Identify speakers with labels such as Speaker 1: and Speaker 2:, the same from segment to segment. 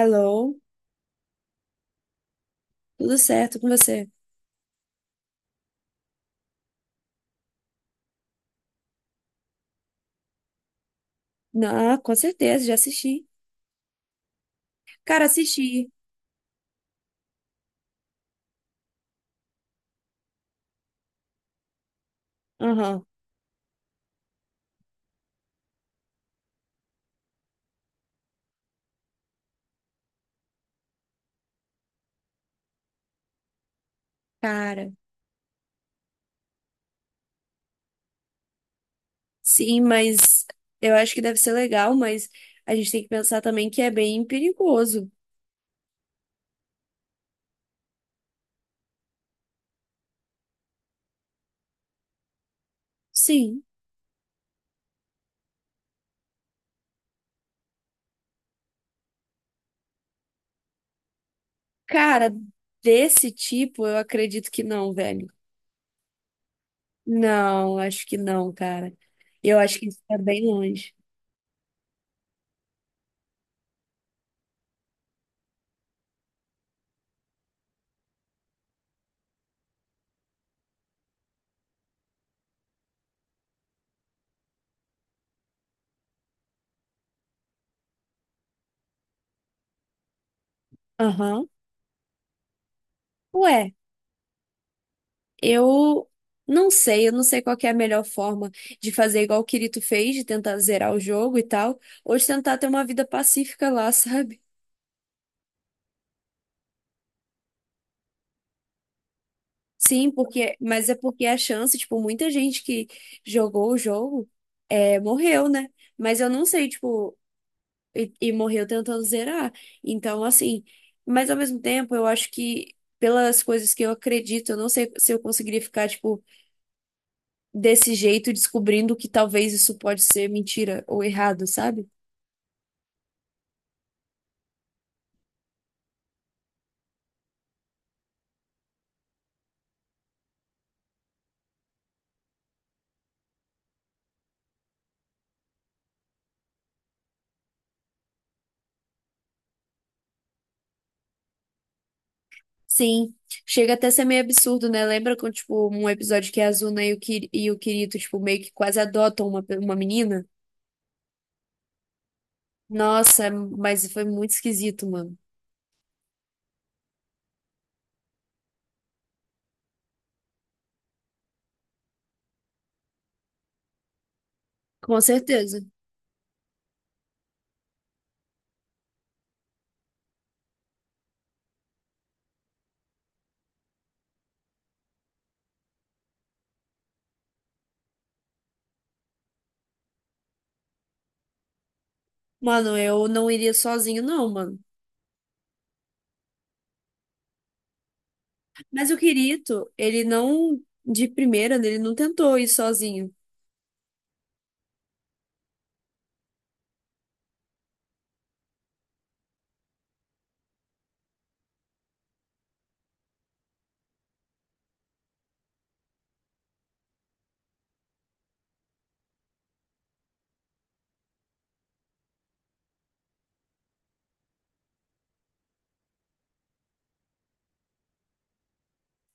Speaker 1: Alô, tudo certo com você? Não, com certeza, já assisti. Cara, assisti. Aham, cara. Sim, mas eu acho que deve ser legal, mas a gente tem que pensar também que é bem perigoso. Sim. Cara, desse tipo, eu acredito que não, velho. Não, acho que não, cara. Eu acho que isso tá bem longe. Aham. Ué. Eu eu não sei qual que é a melhor forma de fazer igual o Kirito fez, de tentar zerar o jogo e tal, ou de tentar ter uma vida pacífica lá, sabe? Sim, porque, mas é porque a chance, tipo, muita gente que jogou o jogo morreu, né? Mas eu não sei, tipo, e morreu tentando zerar. Então, assim, mas ao mesmo tempo, eu acho que pelas coisas que eu acredito, eu não sei se eu conseguiria ficar, tipo, desse jeito, descobrindo que talvez isso pode ser mentira ou errado, sabe? Sim, chega até a ser meio absurdo, né? Lembra quando, tipo, um episódio que a Azuna e o, Kir e o Kirito, tipo, meio que quase adotam uma, pe- uma menina? Nossa, é, mas foi muito esquisito, mano. Com certeza. Mano, eu não iria sozinho, não, mano. Mas o Kirito, ele não, de primeira, né, ele não tentou ir sozinho.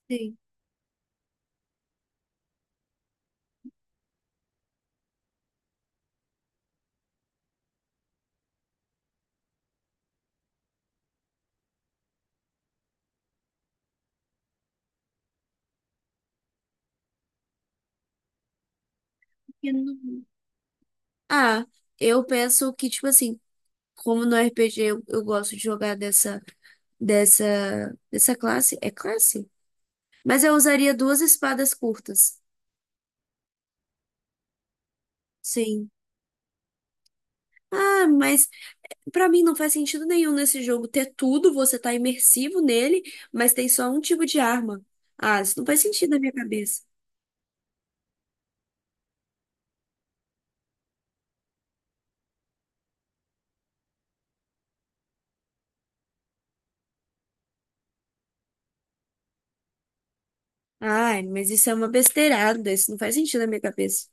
Speaker 1: Sim. Porque não- Ah, eu penso que, tipo assim, como no RPG eu gosto de jogar dessa classe. É classe? Mas eu usaria duas espadas curtas. Sim. Ah, mas pra mim não faz sentido nenhum nesse jogo ter tudo, você tá imersivo nele, mas tem só um tipo de arma. Ah, isso não faz sentido na minha cabeça. Ai, mas isso é uma besteirada, isso não faz sentido na minha cabeça.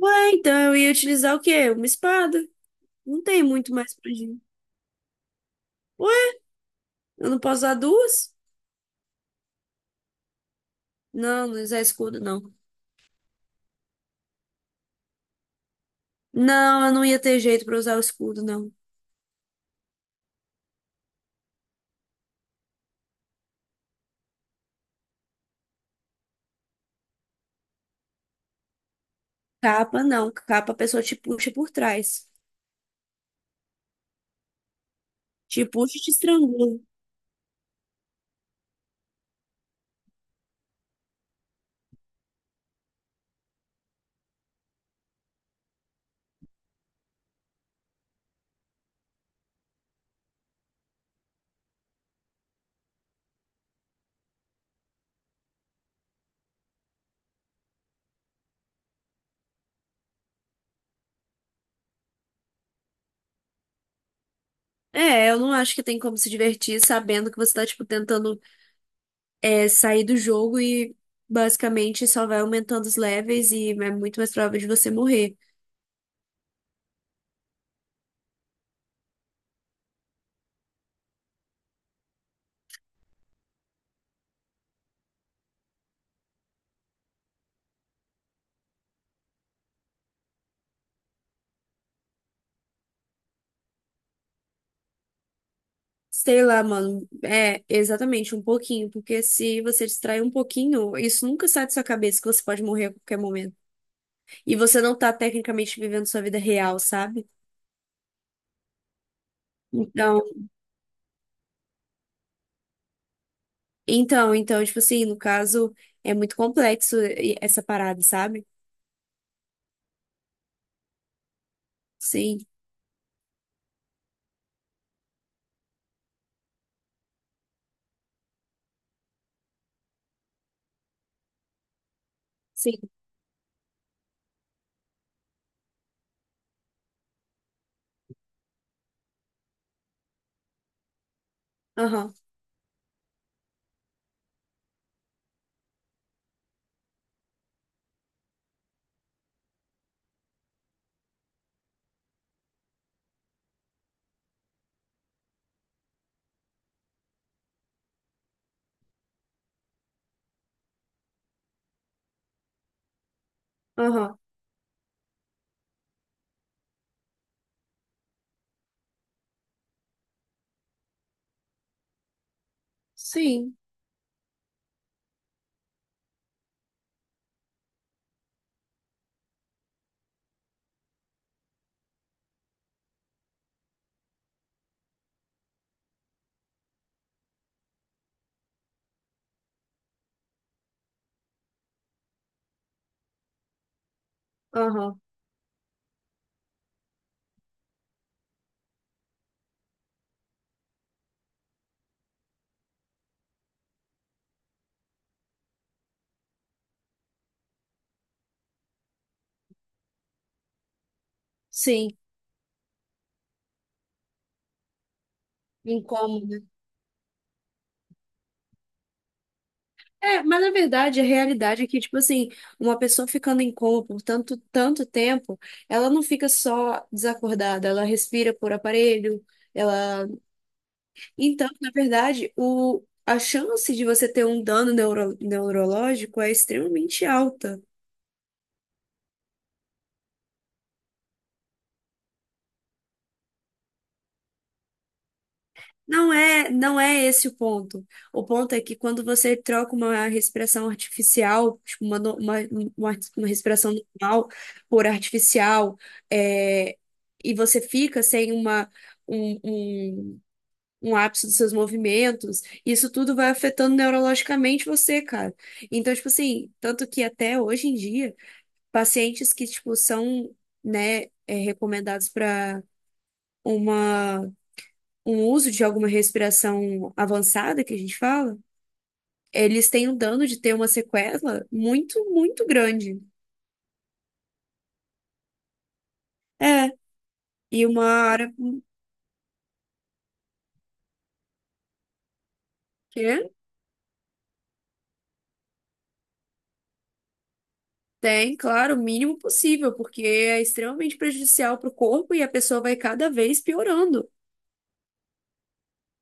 Speaker 1: Ué, então eu ia utilizar o quê? Uma espada. Não tem muito mais pra gente. Ué, eu não posso usar duas? Não, usar escudo, não. Não, eu não ia ter jeito pra usar o escudo, não. Capa, não. Capa a pessoa te puxa por trás. Te puxa e te estrangula. É, eu não acho que tem como se divertir sabendo que você tá, tipo, tentando sair do jogo e basicamente só vai aumentando os levels e é muito mais provável de você morrer. Sei lá, mano. É, exatamente, um pouquinho. Porque se você distrair um pouquinho, isso nunca sai da sua cabeça que você pode morrer a qualquer momento. E você não tá tecnicamente vivendo sua vida real, sabe? Então, então, tipo assim, no caso, é muito complexo e- essa parada, sabe? Sim, sim. Aham, aham. Sim, aham, sim, em coma, né? É, mas na verdade, a realidade é que, tipo assim, uma pessoa ficando em coma por tanto, tanto tempo, ela não fica só desacordada, ela respira por aparelho, ela... Então, na verdade, o... a chance de você ter um dano neuro... neurológico é extremamente alta. Não é, não é esse o ponto. O ponto é que quando você troca uma respiração artificial, tipo, uma, no- uma respiração normal por artificial, é, e você fica sem uma, um, um, um ápice dos seus movimentos, isso tudo vai afetando neurologicamente você, cara. Então, tipo assim, tanto que até hoje em dia, pacientes que, tipo, são, né, recomendados para uma um uso de alguma respiração avançada que a gente fala, eles têm um dano de ter uma sequela muito, muito grande. É, e uma área que tem, claro, o mínimo possível, porque é extremamente prejudicial para o corpo e a pessoa vai cada vez piorando.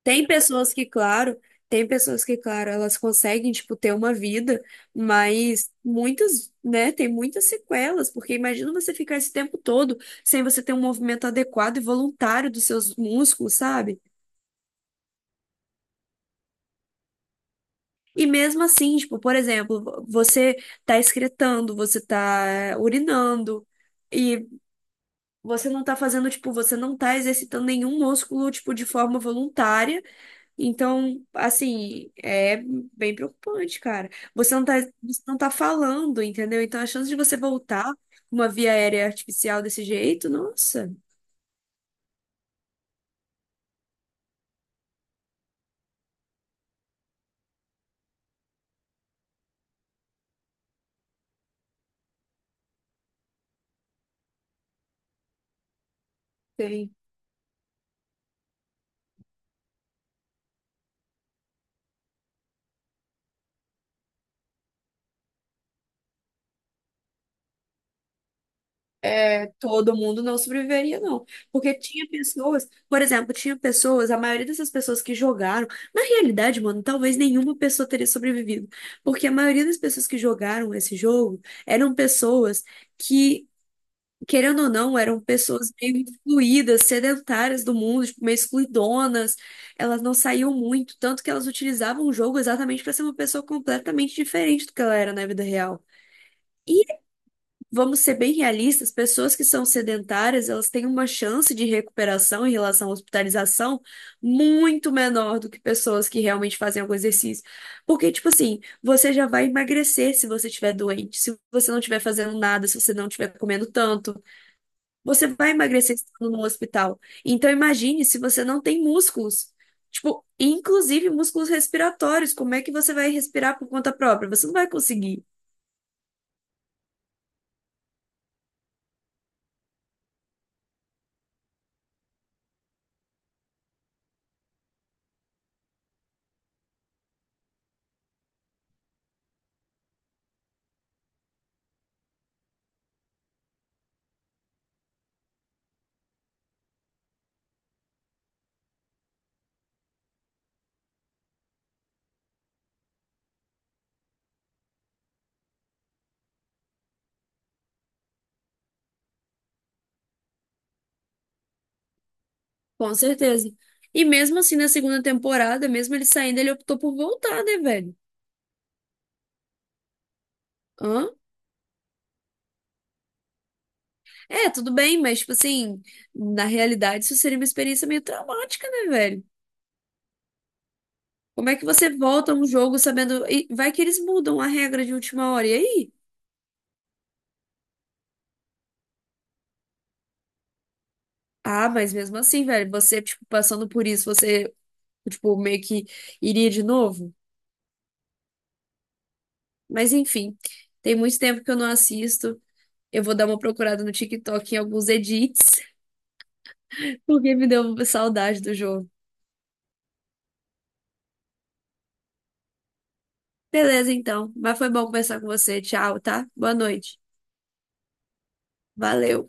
Speaker 1: Tem pessoas que, claro, tem pessoas que, claro, elas conseguem, tipo, ter uma vida, mas muitas, né, tem muitas sequelas, porque imagina você ficar esse tempo todo sem você ter um movimento adequado e voluntário dos seus músculos, sabe? E mesmo assim, tipo, por exemplo, você tá excretando, você tá urinando, e você não tá fazendo, tipo, você não tá exercitando nenhum músculo, tipo, de forma voluntária. Então, assim, é bem preocupante, cara. Você não tá falando, entendeu? Então, a chance de você voltar com uma via aérea artificial desse jeito, nossa. Tem é, todo mundo não sobreviveria, não. Porque tinha pessoas, por exemplo, a maioria dessas pessoas que jogaram, na realidade, mano, talvez nenhuma pessoa teria sobrevivido. Porque a maioria das pessoas que jogaram esse jogo eram pessoas que, querendo ou não, eram pessoas meio excluídas, sedentárias do mundo, tipo, meio excluidonas. Elas não saíam muito, tanto que elas utilizavam o jogo exatamente para ser uma pessoa completamente diferente do que ela era na vida real. E vamos ser bem realistas, pessoas que são sedentárias, elas têm uma chance de recuperação em relação à hospitalização muito menor do que pessoas que realmente fazem algum exercício. Porque, tipo assim, você já vai emagrecer se você estiver doente, se você não estiver fazendo nada, se você não estiver comendo tanto, você vai emagrecer estando no hospital. Então, imagine se você não tem músculos. Tipo, inclusive músculos respiratórios, como é que você vai respirar por conta própria? Você não vai conseguir. Com certeza. E mesmo assim, na segunda temporada, mesmo ele saindo, ele optou por voltar, né, velho? Hã? É, tudo bem, mas, tipo assim, na realidade, isso seria uma experiência meio traumática, né, velho? Como é que você volta a um jogo sabendo. E vai que eles mudam a regra de última hora, e aí? Ah, mas mesmo assim, velho, você, tipo, passando por isso, você, tipo, meio que iria de novo? Mas enfim, tem muito tempo que eu não assisto. Eu vou dar uma procurada no TikTok em alguns edits, porque me deu saudade do jogo. Beleza, então. Mas foi bom conversar com você. Tchau, tá? Boa noite. Valeu.